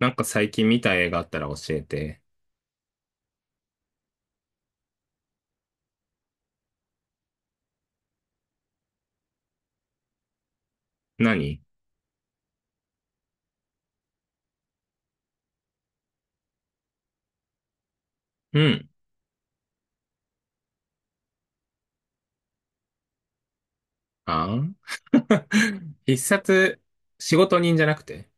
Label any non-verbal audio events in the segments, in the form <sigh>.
なんか最近見た映画あったら教えて。何？うん。あん。 <laughs> 必殺、仕事人じゃなくて。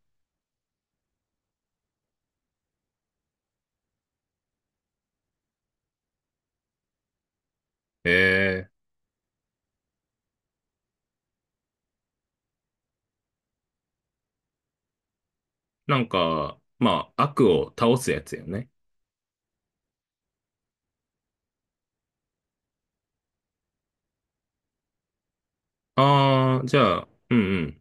えなんか、まあ、悪を倒すやつよね。あー、じゃあ、うん。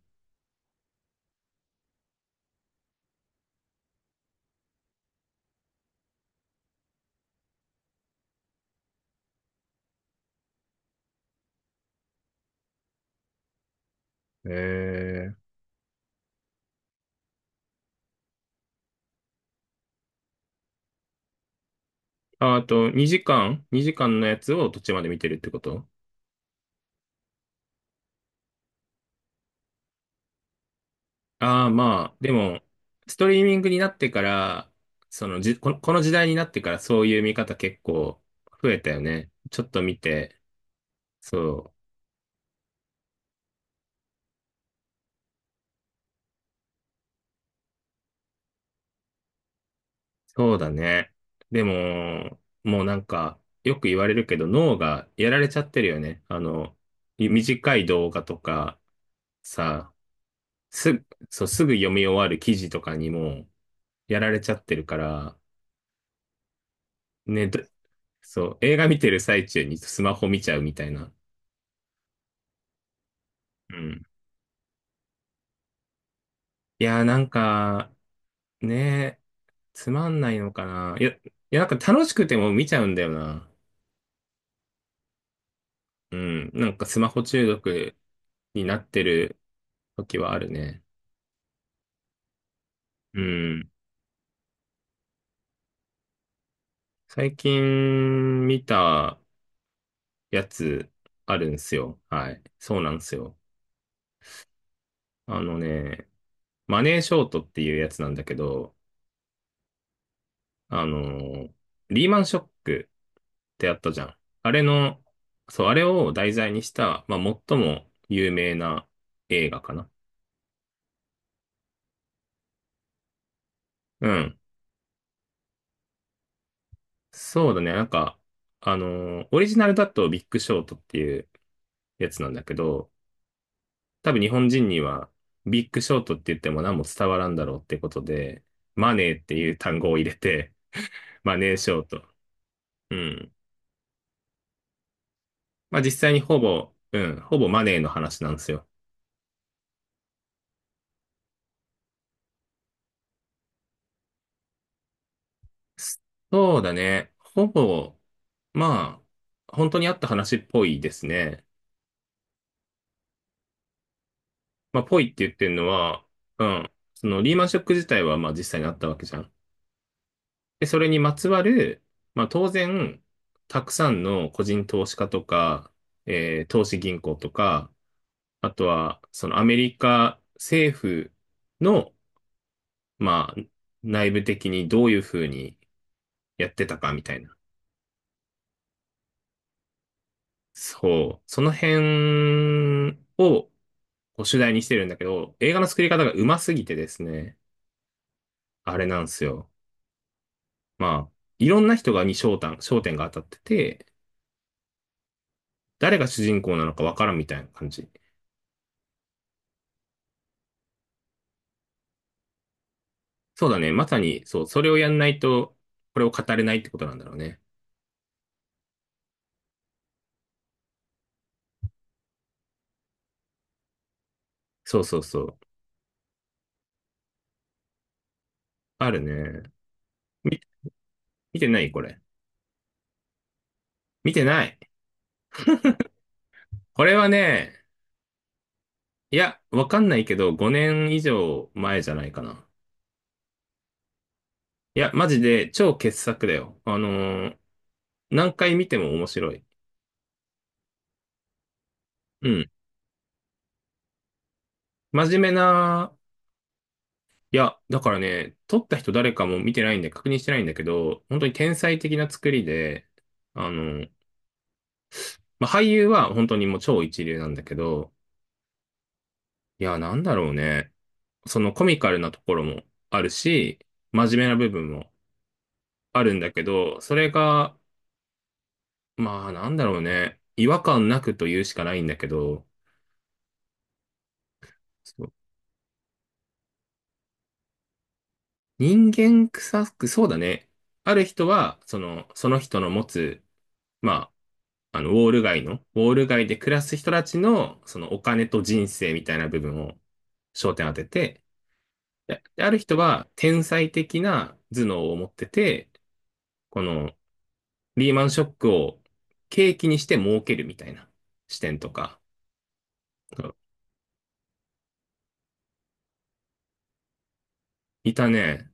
うん。ああと、2時間のやつを途中まで見てるってこと？ああー、まあ、でも、ストリーミングになってから、そのじ、この時代になってからそういう見方結構増えたよね。ちょっと見て、そう。そうだね。でも、もうなんか、よく言われるけど、脳がやられちゃってるよね。短い動画とか、さ、すぐ読み終わる記事とかにも、やられちゃってるから、ね。そう、映画見てる最中にスマホ見ちゃうみたいな。うん。いやー、なんか、ね、つまんないのかな。いや、いや、なんか楽しくても見ちゃうんだよな。うん。なんかスマホ中毒になってる時はあるね。うん。最近見たやつあるんすよ。はい。そうなんですよ。あのね、マネーショートっていうやつなんだけど、あのーリーマンショックってあったじゃん。あれの、そう、あれを題材にした、まあ、最も有名な映画かな。うん。そうだね。オリジナルだとビッグショートっていうやつなんだけど、多分日本人にはビッグショートって言っても何も伝わらんだろうってことで、マネーっていう単語を入れて、マネーショート。うん。まあ実際にほぼ、うん、ほぼマネーの話なんですよ。そうだね。ほぼ、まあ、本当にあった話っぽいですね。まあ、ぽいって言ってるのは、うん、そのリーマンショック自体はまあ実際にあったわけじゃん。で、それにまつわる、まあ当然、たくさんの個人投資家とか、投資銀行とか、あとは、そのアメリカ政府の、まあ、内部的にどういうふうにやってたかみたいな。そう。その辺をこう主題にしてるんだけど、映画の作り方がうますぎてですね、あれなんですよ。まあ、いろんな人がに焦点が当たってて、誰が主人公なのかわからんみたいな感じ。そうだね。まさに、そう、それをやんないと、これを語れないってことなんだろうね。そうそうそう。あるね。み、見てないこれ。見てない。これはね、いや、わかんないけど、5年以上前じゃないかな。いや、マジで超傑作だよ。ー何回見ても面白い。うん。真面目な、いや、だからね、撮った人誰かも見てないんで確認してないんだけど、本当に天才的な作りで、あの、まあ、俳優は本当にもう超一流なんだけど、いや、なんだろうね。そのコミカルなところもあるし、真面目な部分もあるんだけど、それが、まあなんだろうね。違和感なくと言うしかないんだけど、そう、人間臭く、そうだね。ある人は、その、その人の持つ、まあ、あの、ウォール街で暮らす人たちの、そのお金と人生みたいな部分を焦点当てて、で、ある人は天才的な頭脳を持ってて、このリーマンショックを契機にして儲けるみたいな視点とか、いたね。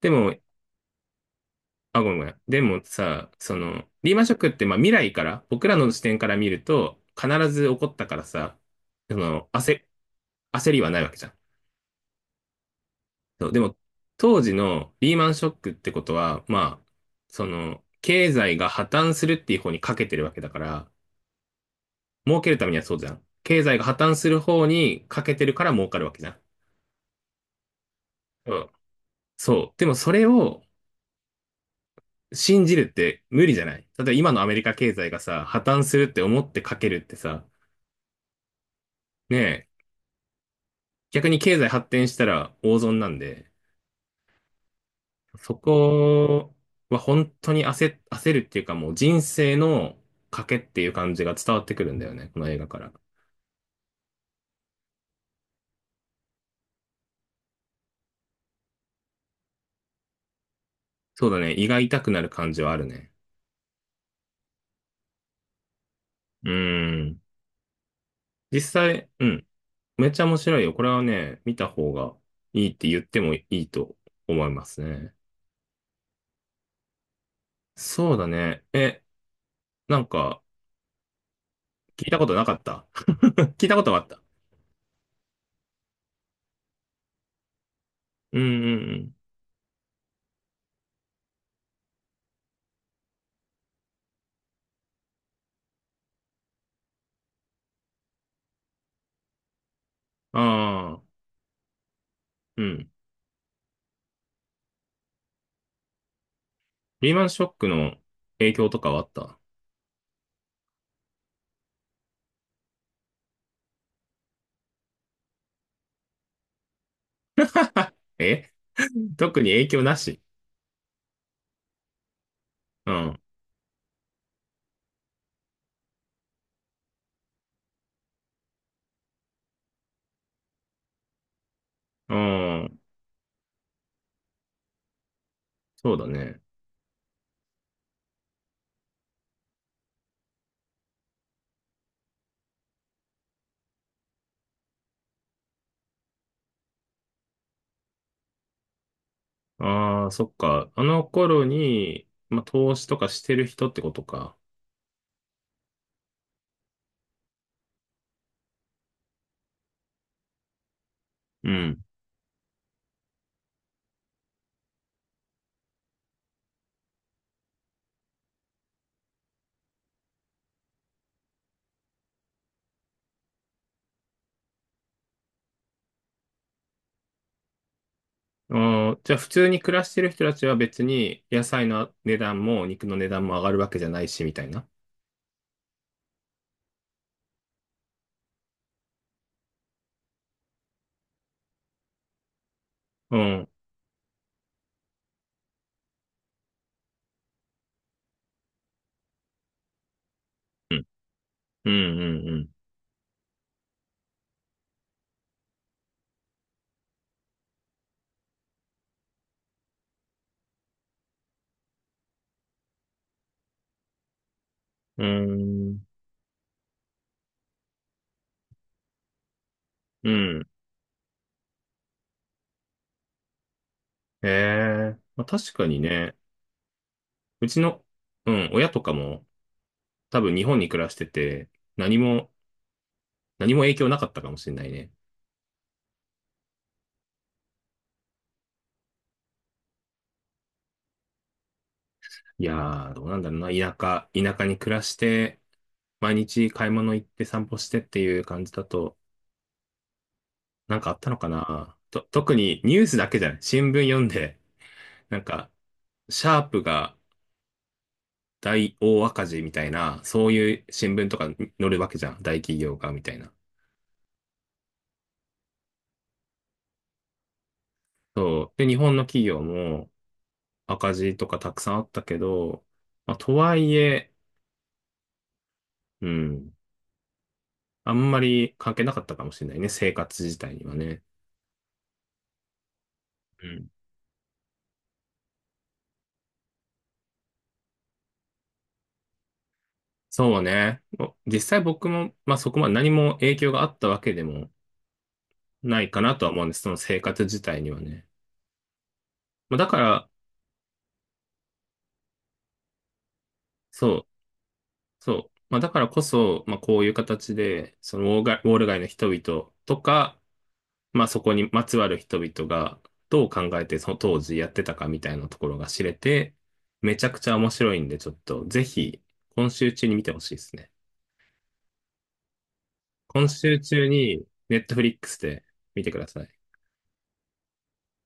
でも、あ、ごめんごめん。でもさ、その、リーマンショックってまあ未来から、僕らの視点から見ると、必ず起こったからさ、その、焦りはないわけじゃん。そう、でも、当時のリーマンショックってことは、まあ、その、経済が破綻するっていう方にかけてるわけだから、儲けるためにはそうじゃん。経済が破綻する方にかけてるから儲かるわけじゃん。うん。そう。でもそれを信じるって無理じゃない？例えば今のアメリカ経済がさ、破綻するって思ってかけるってさ、ねえ、逆に経済発展したら大損なんで、そこは本当に焦るっていうかもう人生の賭けっていう感じが伝わってくるんだよね、この映画から。そうだね、胃が痛くなる感じはあるね。うーん。実際、うん。めっちゃ面白いよ。これはね、見た方がいいって言ってもいいと思いますね。そうだね。え、なんか、聞いたことなかった？ <laughs> 聞いたことがあった。うんうんうん。ああ、うん。リーマンショックの影響とかはあった？ <laughs> え、特に影響なし。うん。うん。そうだね。ああ、そっか。あの頃に、まあ、投資とかしてる人ってことか。うん。あー、じゃあ普通に暮らしてる人たちは別に野菜の値段も肉の値段も上がるわけじゃないし、みたいな。うん。うん、うん、うん。うん。うん。うん。へえ。まあ、確かにね。うちの、うん、親とかも多分日本に暮らしてて、何も、何も影響なかったかもしれないね。いやー、どうなんだろうな。田舎、田舎に暮らして、毎日買い物行って散歩してっていう感じだと、なんかあったのかな。特にニュースだけじゃない。新聞読んで、なんか、シャープが大赤字みたいな、そういう新聞とか載るわけじゃん。大企業が、みたいな。そう。で、日本の企業も赤字とかたくさんあったけど、まあ、とはいえ、うん、あんまり関係なかったかもしれないね、生活自体にはね。うん。そうね。実際僕も、まあそこまで何も影響があったわけでもないかなとは思うんです。その生活自体にはね。まあだから、そう、そう。まあだからこそ、まあこういう形で、そのウォール街の人々とか、まあそこにまつわる人々がどう考えてその当時やってたかみたいなところが知れて、めちゃくちゃ面白いんで、ちょっとぜひ今週中に見てほしいですね。今週中に、ネットフリックスで見てください。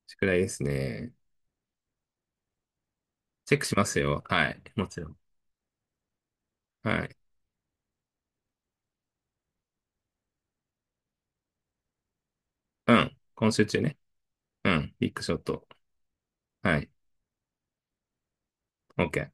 宿題ですね。チェックしますよ。はい。もちろん。はい。うん。今週中ね。うん。ビッグショット。はい。OK。